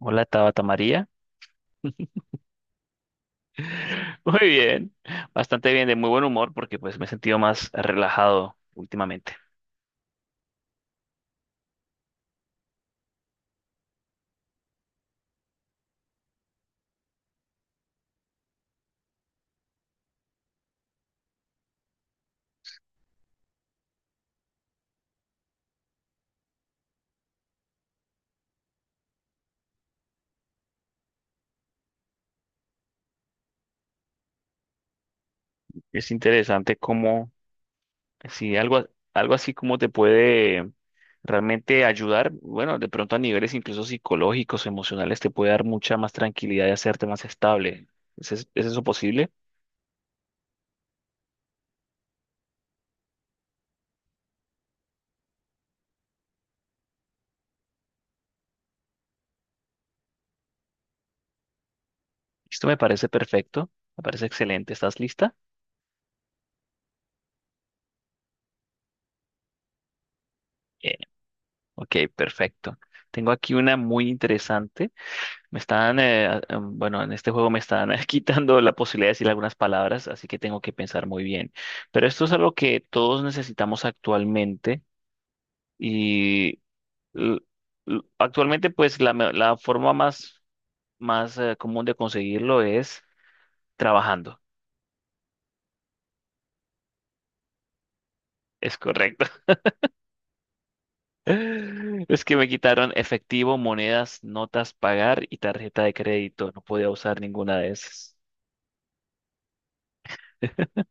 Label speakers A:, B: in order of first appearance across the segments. A: Hola Tabata María. Muy bien, bastante bien, de muy buen humor porque pues me he sentido más relajado últimamente. Es interesante cómo, si algo, algo así como te puede realmente ayudar, bueno, de pronto a niveles incluso psicológicos, emocionales, te puede dar mucha más tranquilidad y hacerte más estable. ¿Es eso posible? Esto me parece perfecto, me parece excelente. ¿Estás lista? Bien, ok, perfecto. Tengo aquí una muy interesante. Me están, bueno, en este juego me están quitando la posibilidad de decir algunas palabras, así que tengo que pensar muy bien. Pero esto es algo que todos necesitamos actualmente y l- actualmente pues la forma más, común de conseguirlo es trabajando. Es correcto. Es que me quitaron efectivo, monedas, notas, pagar y tarjeta de crédito. No podía usar ninguna de esas.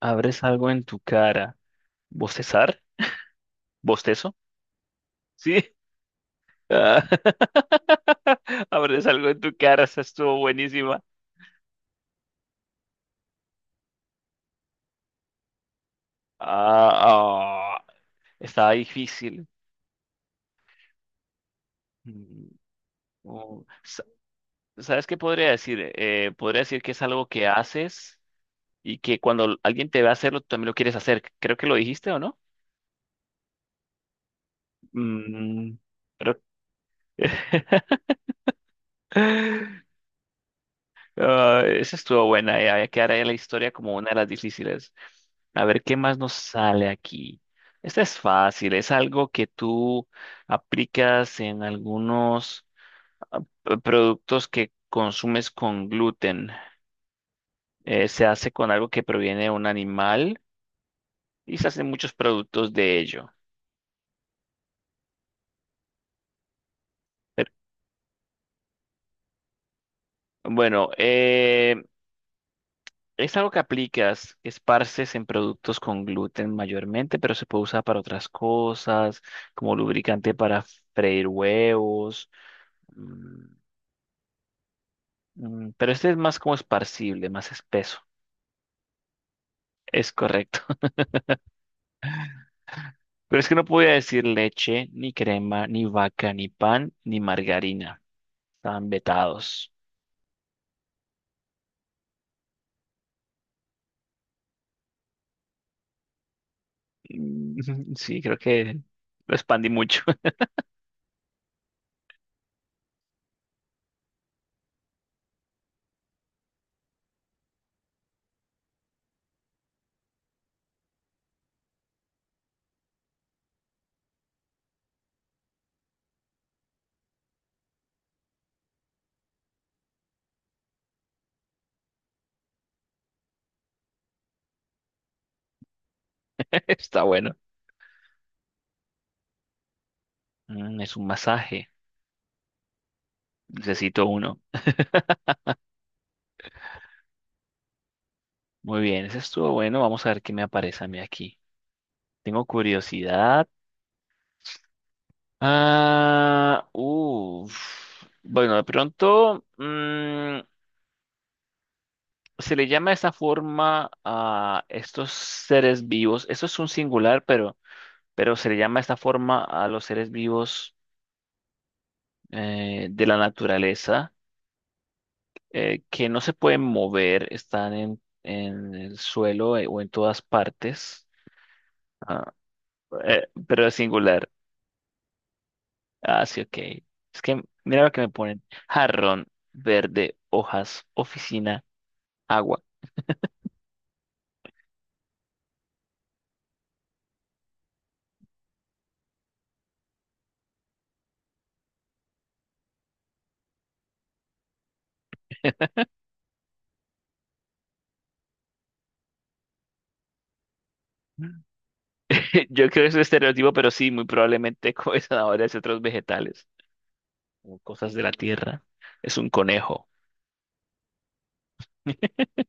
A: ¿Abres algo en tu cara? ¿Bostezar? ¿Bostezo? Sí. Ah, abres algo en tu cara, esa estuvo buenísima. Ah, ah, estaba difícil. Mm, oh, sa- ¿sabes qué podría decir? Podría decir que es algo que haces y que cuando alguien te ve hacerlo, tú también lo quieres hacer. Creo que lo dijiste, ¿o no? Mm, creo- Ah, esa estuvo buena, ya, ya quedará la historia como una de las difíciles. A ver, ¿qué más nos sale aquí? Esta es fácil, es algo que tú aplicas en algunos productos que consumes con gluten. Se hace con algo que proviene de un animal y se hacen muchos productos de ello. Pero, bueno, eh, Es algo que aplicas, que esparces en productos con gluten mayormente, pero se puede usar para otras cosas, como lubricante para freír huevos. Mm, mm, Pero este es más como esparcible, más espeso. Es correcto. Pero es que no podía decir leche, ni crema, ni vaca, ni pan, ni margarina. Estaban vetados. Mm, Sí, creo que lo expandí mucho. Está bueno. Mm, Es un masaje. Necesito uno. Muy bien, ese estuvo bueno. Vamos a ver qué me aparece a mí aquí. Tengo curiosidad. Ah, uff. Bueno, de pronto mm, se le llama de esta forma a estos seres vivos. Esto es un singular, pero se le llama de esta forma a los seres vivos, de la naturaleza, que no se pueden mover, están en el suelo, o en todas partes. Ah, pero es singular. Ah, sí, ok. Es que mira lo que me ponen. Jarrón, verde, hojas, oficina, agua. Yo creo que es un estereotipo, pero sí, muy probablemente come zanahorias y otros vegetales o cosas de la tierra. Es un conejo.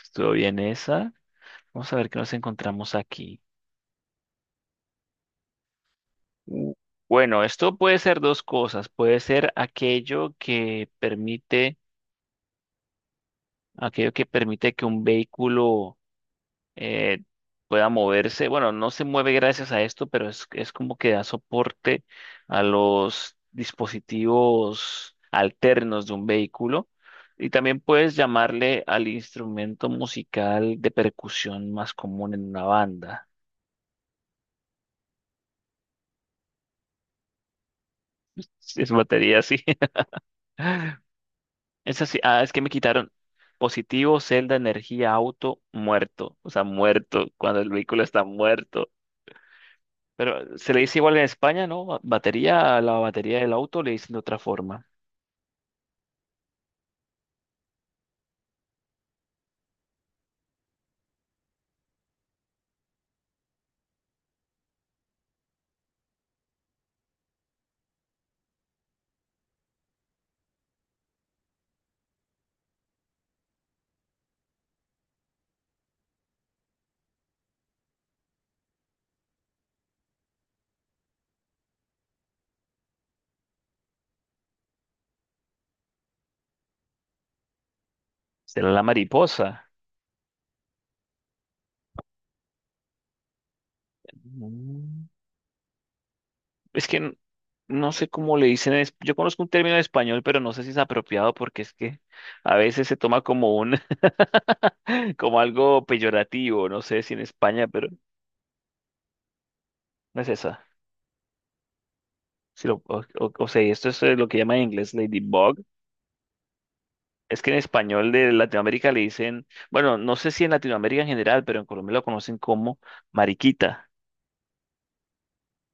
A: Estuvo bien esa. Vamos a ver qué nos encontramos aquí. U- Bueno, esto puede ser dos cosas. Puede ser aquello que permite que un vehículo, eh, pueda moverse. Bueno, no se mueve gracias a esto, pero es como que da soporte a los dispositivos alternos de un vehículo. Y también puedes llamarle al instrumento musical de percusión más común en una banda. Sí, es batería, así. Es así. Ah, es que me quitaron positivo, celda, energía, auto, muerto. O sea, muerto, cuando el vehículo está muerto. Pero se le dice igual en España, ¿no? Batería, a la batería del auto le dicen de otra forma. Será la mariposa. Mm. Es que n- no sé cómo le dicen. Yo conozco un término en español, pero no sé si es apropiado porque es que a veces se toma como un, como algo peyorativo. No sé si en España, pero no es esa. Si lo, o- O sea, y esto es, lo que llaman en inglés ladybug. Es que en español de Latinoamérica le dicen, bueno, no sé si en Latinoamérica en general, pero en Colombia lo conocen como mariquita.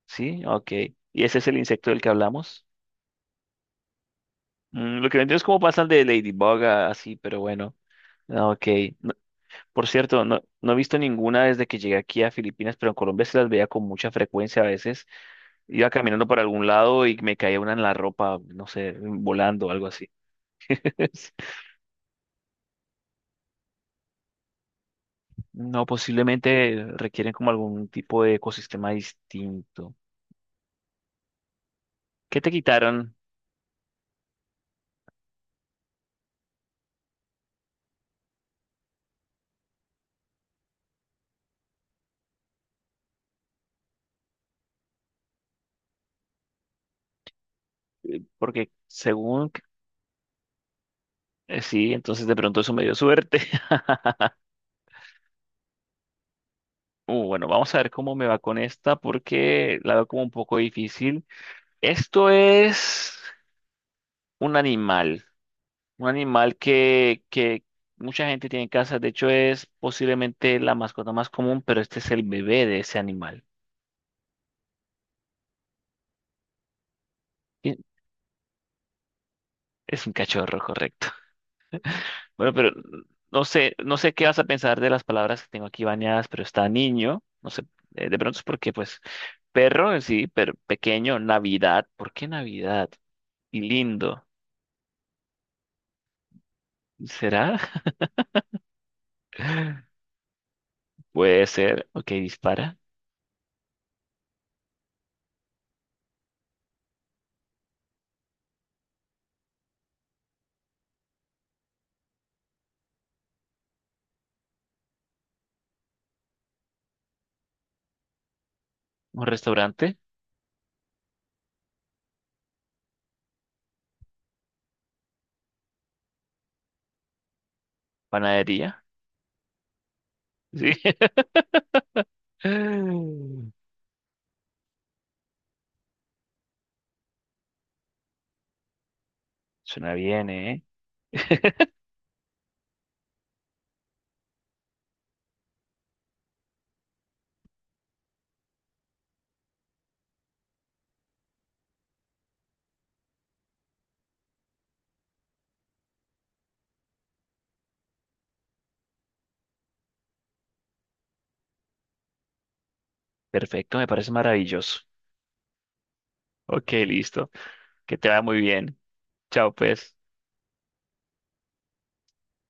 A: Sí, ok. ¿Y ese es el insecto del que hablamos? Mm, lo que no entiendo es cómo pasan de ladybug a así, pero bueno. Ah, ok. No- por cierto, no he visto ninguna desde que llegué aquí a Filipinas, pero en Colombia se las veía con mucha frecuencia a veces. Iba caminando por algún lado y me caía una en la ropa, no sé, volando o algo así. No, posiblemente requieren como algún tipo de ecosistema distinto. ¿Qué te quitaron? Porque según... Eh, sí, entonces de pronto eso me dio suerte. Bueno, vamos a ver cómo me va con esta porque la veo como un poco difícil. Esto es un animal, un animal que mucha gente tiene en casa. De hecho, es posiblemente la mascota más común, pero este es el bebé de ese animal. Y Es un cachorro, correcto. Bueno, pero no sé, no sé qué vas a pensar de las palabras que tengo aquí bañadas, pero está niño. No sé, de pronto es porque, pues, perro, sí, pero pequeño, Navidad. ¿Por qué Navidad? Y lindo. ¿Será? Puede ser. Ok, dispara. Un restaurante, panadería. Sí. Suena bien, ¿eh? Perfecto, me parece maravilloso. Ok, listo. Que te va muy bien. Chao, pues.